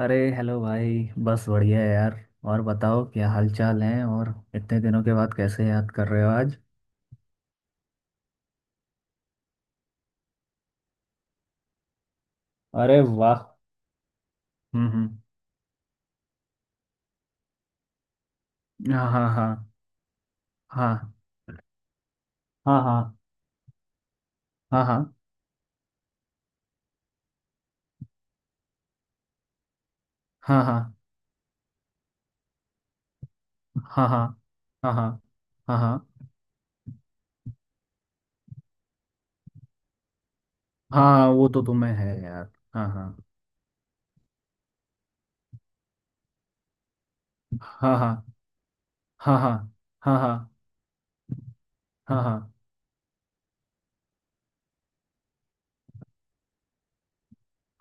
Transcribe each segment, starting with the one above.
अरे हेलो भाई। बस बढ़िया है यार। और बताओ क्या हालचाल है और इतने दिनों के बाद कैसे याद कर रहे हो आज। अरे वाह। हम्म। हाँ हाँ हाँ हाँ हाँ हाँ हाँ हाँ हाँ हाँ हाँ हाँ हाँ हाँ हाँ हाँ हाँ, हाँ, वो तो तुम्हें है यार। हाँ हाँ हाँ हाँ हाँ हाँ हाँ हाँ हाँ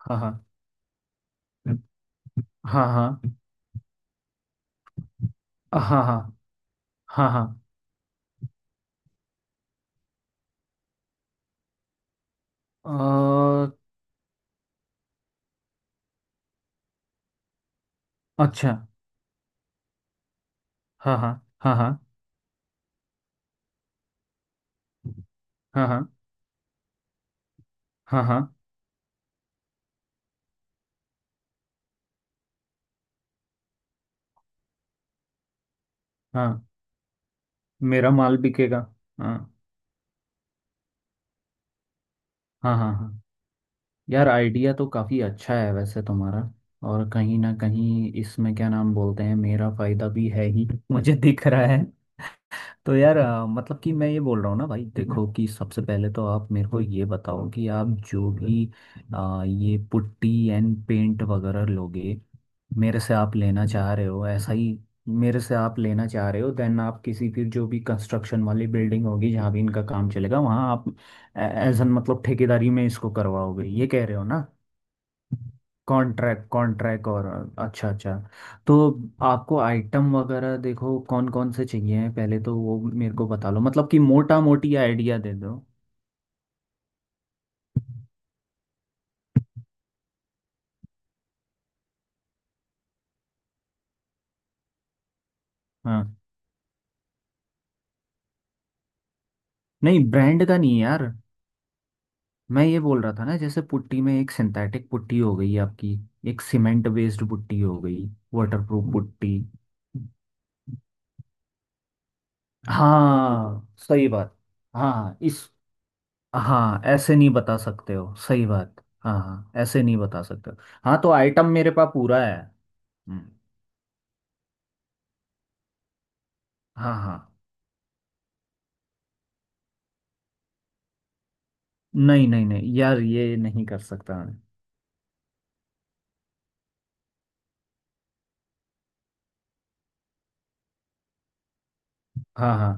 हाँ हाँ हाँ हाँ हाँ हाँ हाँ हाँ हाँ। अच्छा। हाँ हाँ हाँ हाँ हाँ हाँ हाँ हाँ हाँ। मेरा माल बिकेगा। हाँ हाँ हाँ हाँ। यार आइडिया तो काफ़ी अच्छा है वैसे तुम्हारा। और कहीं ना कहीं इसमें क्या नाम बोलते हैं मेरा फायदा भी है ही मुझे दिख रहा है। तो यार मतलब कि मैं ये बोल रहा हूँ ना भाई देखो कि सबसे पहले तो आप मेरे को ये बताओ कि आप जो भी ये पुट्टी एंड पेंट वगैरह लोगे। मेरे से आप लेना चाह रहे हो ऐसा ही। मेरे से आप लेना चाह रहे हो देन आप किसी फिर जो भी कंस्ट्रक्शन वाली बिल्डिंग होगी जहाँ भी इनका काम चलेगा वहाँ आप एज एन मतलब ठेकेदारी में इसको करवाओगे ये कह रहे हो ना। कॉन्ट्रैक्ट कॉन्ट्रैक्ट और अच्छा अच्छा। तो आपको आइटम वगैरह देखो कौन कौन से चाहिए हैं पहले तो वो मेरे को बता लो मतलब कि मोटा मोटी आइडिया दे दो। हाँ। नहीं ब्रांड का नहीं यार। मैं ये बोल रहा था ना जैसे पुट्टी में एक सिंथेटिक पुट्टी हो गई आपकी। एक सीमेंट बेस्ड पुट्टी हो गई। Waterproof putty. हाँ सही बात। हाँ हाँ, इस हाँ ऐसे नहीं बता सकते हो सही बात। हाँ हाँ ऐसे नहीं बता सकते हो। हाँ तो आइटम मेरे पास पूरा है। हम्म, हाँ हाँ। नहीं नहीं नहीं यार ये नहीं कर सकता मैं। हाँ हाँ।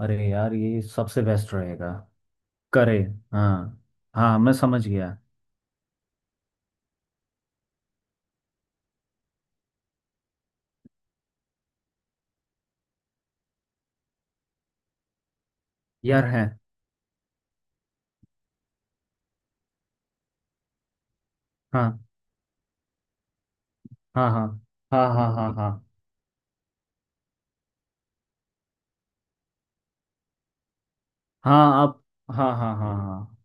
अरे यार ये सबसे बेस्ट रहेगा करे। हाँ हाँ मैं समझ गया। यार है। हाँ हाँ हाँ हाँ हाँ हाँ हाँ। हाँ आप हाँ हाँ हाँ हाँ।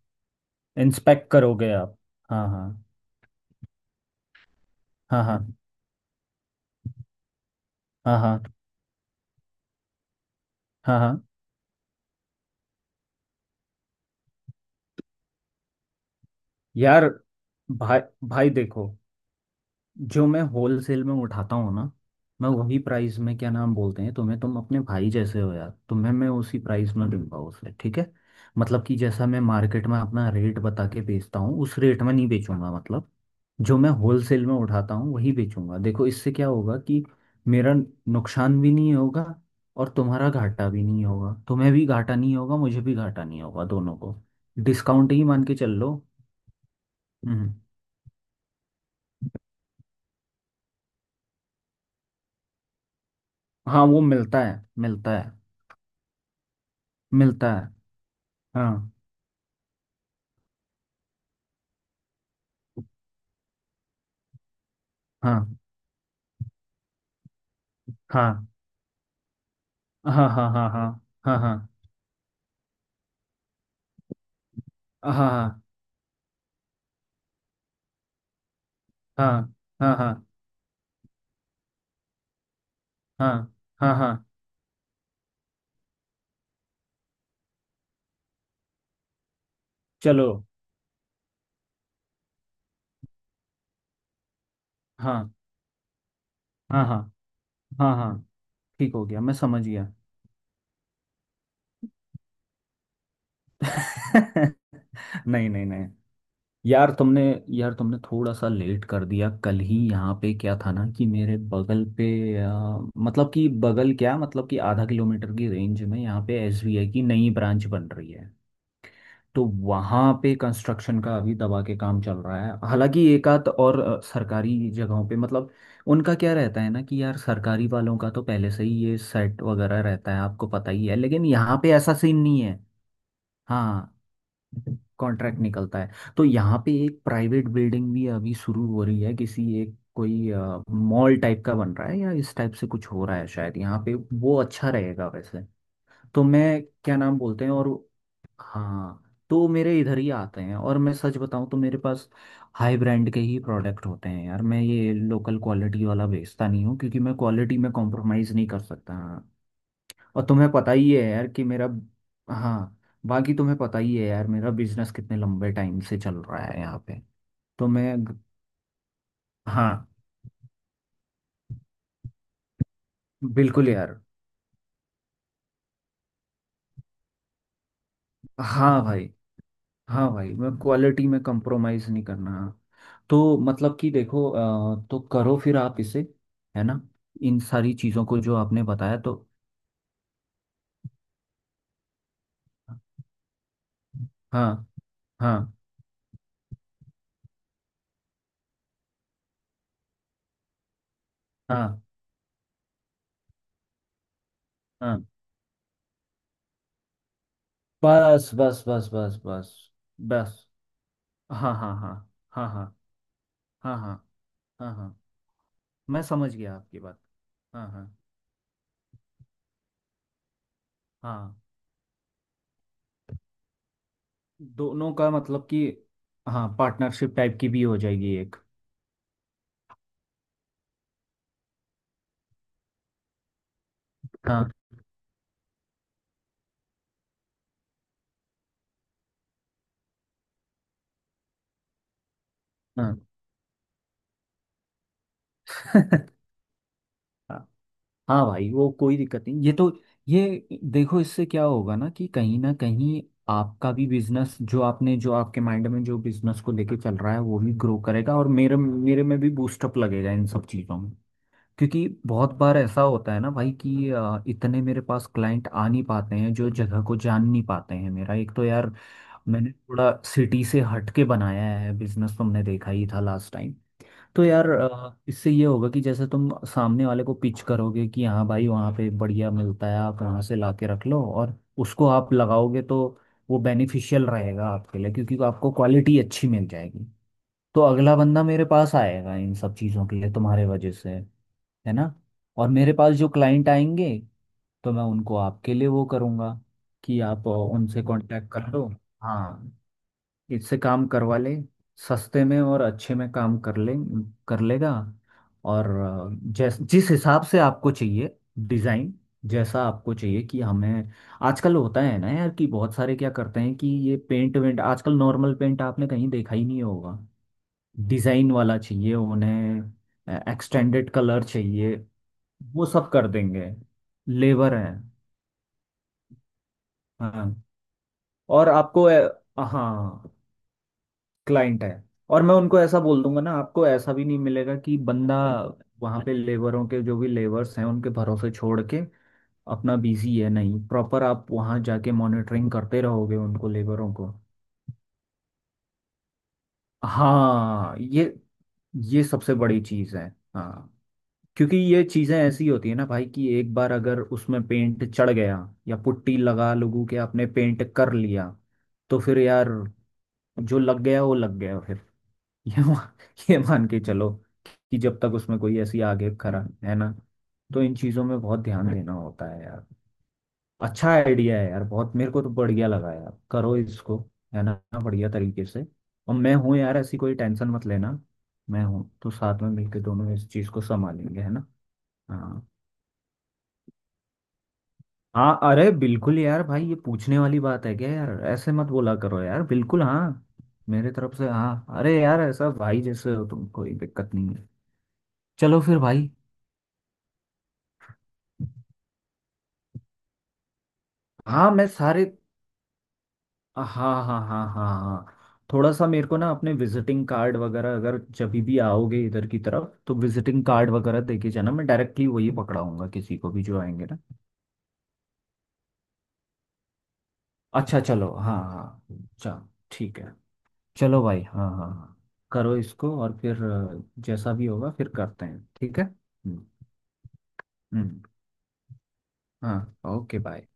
इंस्पेक्ट करोगे आप। हाँ हाँ हाँ हाँ हाँ हाँ हाँ हाँ। यार। भाई। भाई देखो जो मैं होलसेल में उठाता हूँ ना मैं वही प्राइस में क्या नाम बोलते हैं तुम्हें तुम अपने भाई जैसे हो यार तुम्हें मैं उसी प्राइस में दूंगा उसे ठीक है। मतलब कि जैसा मैं मार्केट में अपना रेट बता के बेचता हूँ उस रेट में नहीं बेचूंगा मतलब। जो मैं होलसेल में उठाता हूँ वही बेचूंगा देखो इससे क्या होगा कि मेरा नुकसान भी नहीं होगा। और तुम्हारा घाटा भी नहीं होगा तुम्हें भी घाटा नहीं होगा मुझे भी घाटा नहीं होगा दोनों को। डिस्काउंट ही मान के चल लो। हम्म। हाँ वो मिलता है। मिलता है। मिलता है। हाँ हाँ हाँ हाँ हाँ हाँ हाँ हाँ हाँ हाँ हाँ हाँ हाँ हाँ हाँ हाँ हाँ हाँ, चलो। हाँ हाँ हाँ हाँ हाँ। ठीक हो गया मैं समझ गया नहीं नहीं नहीं। यार तुमने यार तुमने थोड़ा सा लेट कर दिया कल ही यहाँ पे क्या था ना कि मेरे बगल पे आ, मतलब कि बगल क्या मतलब कि आधा किलोमीटर की रेंज में यहाँ पे एसबीआई की नई ब्रांच बन रही है। तो वहाँ पे कंस्ट्रक्शन का अभी दबा के काम चल रहा है हालांकि एक आध और सरकारी जगहों पे मतलब उनका क्या रहता है ना कि यार सरकारी वालों का तो पहले से ही ये सेट वगैरह रहता है आपको पता ही है लेकिन यहाँ पे ऐसा सीन नहीं है। हाँ कॉन्ट्रैक्ट निकलता है। तो यहाँ पे एक प्राइवेट बिल्डिंग भी अभी शुरू हो रही है किसी एक कोई मॉल टाइप का बन रहा है या इस टाइप से कुछ हो रहा है शायद यहाँ पे। वो अच्छा रहेगा वैसे। तो मैं क्या नाम बोलते हैं और हाँ तो मेरे इधर ही आते हैं। और मैं सच बताऊं तो मेरे पास हाई ब्रांड के ही प्रोडक्ट होते हैं यार। मैं ये लोकल क्वालिटी वाला बेचता नहीं हूँ क्योंकि मैं क्वालिटी में कॉम्प्रोमाइज़ नहीं कर सकता। हाँ। और तुम्हें पता ही है यार कि मेरा। हाँ बाकी तुम्हें पता ही है यार मेरा बिजनेस कितने लंबे टाइम से चल रहा है यहाँ पे। तो मैं। हाँ बिल्कुल यार। हाँ भाई। हाँ भाई मैं क्वालिटी में कंप्रोमाइज़ नहीं करना। तो मतलब कि देखो तो करो फिर आप इसे है ना इन सारी चीज़ों को जो आपने बताया तो। हाँ हाँ हाँ हाँ। बस बस बस बस बस बस। हाँ हाँ हाँ हाँ हाँ हाँ हाँ हाँ हाँ। मैं समझ गया आपकी बात। हाँ हाँ हाँ। दोनों का मतलब कि हाँ पार्टनरशिप टाइप की भी हो जाएगी एक। हाँ हाँ हाँ भाई वो कोई दिक्कत नहीं ये तो। ये देखो इससे क्या होगा ना कि कहीं ना कहीं आपका भी बिजनेस जो आपने जो आपके माइंड में जो बिजनेस को लेके चल रहा है वो भी ग्रो करेगा और मेरे मेरे में भी बूस्टअप लगेगा इन सब चीज़ों में। क्योंकि बहुत बार ऐसा होता है ना भाई कि इतने मेरे पास क्लाइंट आ नहीं पाते हैं जो जगह को जान नहीं पाते हैं मेरा एक तो यार मैंने थोड़ा सिटी से हट के बनाया है बिजनेस तुमने देखा ही था लास्ट टाइम। तो यार इससे ये होगा कि जैसे तुम सामने वाले को पिच करोगे कि हाँ भाई वहाँ पे बढ़िया मिलता है आप वहाँ से लाके रख लो और उसको आप लगाओगे तो वो बेनिफिशियल रहेगा आपके लिए क्योंकि आपको क्वालिटी अच्छी मिल जाएगी। तो अगला बंदा मेरे पास आएगा इन सब चीज़ों के लिए तुम्हारे वजह से है ना। और मेरे पास जो क्लाइंट आएंगे तो मैं उनको आपके लिए वो करूँगा कि आप उनसे कांटेक्ट कर लो। हाँ इससे काम करवा ले सस्ते में और अच्छे में काम कर ले। कर लेगा। और जैस जिस हिसाब से आपको चाहिए डिज़ाइन जैसा आपको चाहिए कि हमें आजकल होता है ना यार कि बहुत सारे क्या करते हैं कि ये पेंट वेंट आजकल नॉर्मल पेंट आपने कहीं देखा ही नहीं होगा। डिज़ाइन वाला चाहिए उन्हें एक्सटेंडेड कलर चाहिए। वो सब कर देंगे। लेबर है। हाँ और आपको हाँ क्लाइंट है। और मैं उनको ऐसा बोल दूंगा ना आपको ऐसा भी नहीं मिलेगा कि बंदा वहाँ पे लेबरों के जो भी लेबर्स हैं उनके भरोसे छोड़ के अपना बिजी है नहीं प्रॉपर आप वहाँ जाके मॉनिटरिंग करते रहोगे उनको लेबरों को। हाँ ये सबसे बड़ी चीज़ है। हाँ क्योंकि ये चीज़ें ऐसी होती है ना भाई कि एक बार अगर उसमें पेंट चढ़ गया या पुट्टी लगा लोगों के आपने पेंट कर लिया तो फिर यार जो लग गया वो लग गया फिर। ये मा- ये मान के चलो कि जब तक उसमें कोई ऐसी आगे खरा है ना। तो इन चीजों में बहुत ध्यान देना होता है यार। अच्छा आइडिया है यार बहुत मेरे को तो बढ़िया लगा यार करो इसको है ना बढ़िया तरीके से। और मैं हूँ यार ऐसी कोई टेंशन मत लेना। मैं हूँ तो साथ में मिलकर दोनों इस चीज को संभालेंगे है ना। हाँ हाँ अरे बिल्कुल यार भाई ये पूछने वाली बात है क्या यार ऐसे मत बोला करो यार बिल्कुल हाँ। मेरे तरफ से हाँ अरे यार ऐसा भाई जैसे हो तुम कोई दिक्कत नहीं है। चलो फिर भाई। हाँ मैं सारे हाँ हाँ हाँ हाँ हाँ। थोड़ा सा मेरे को ना अपने विजिटिंग कार्ड वगैरह अगर जब भी आओगे इधर की तरफ तो विजिटिंग कार्ड वगैरह देके जाना मैं डायरेक्टली वही पकड़ाऊंगा किसी को भी जो आएंगे ना। अच्छा चलो हाँ हाँ। चलो। ठीक है। चलो भाई हाँ हाँ हाँ। करो इसको और फिर जैसा भी होगा फिर करते हैं ठीक है हम्म। हम्म, हाँ ओके बाय।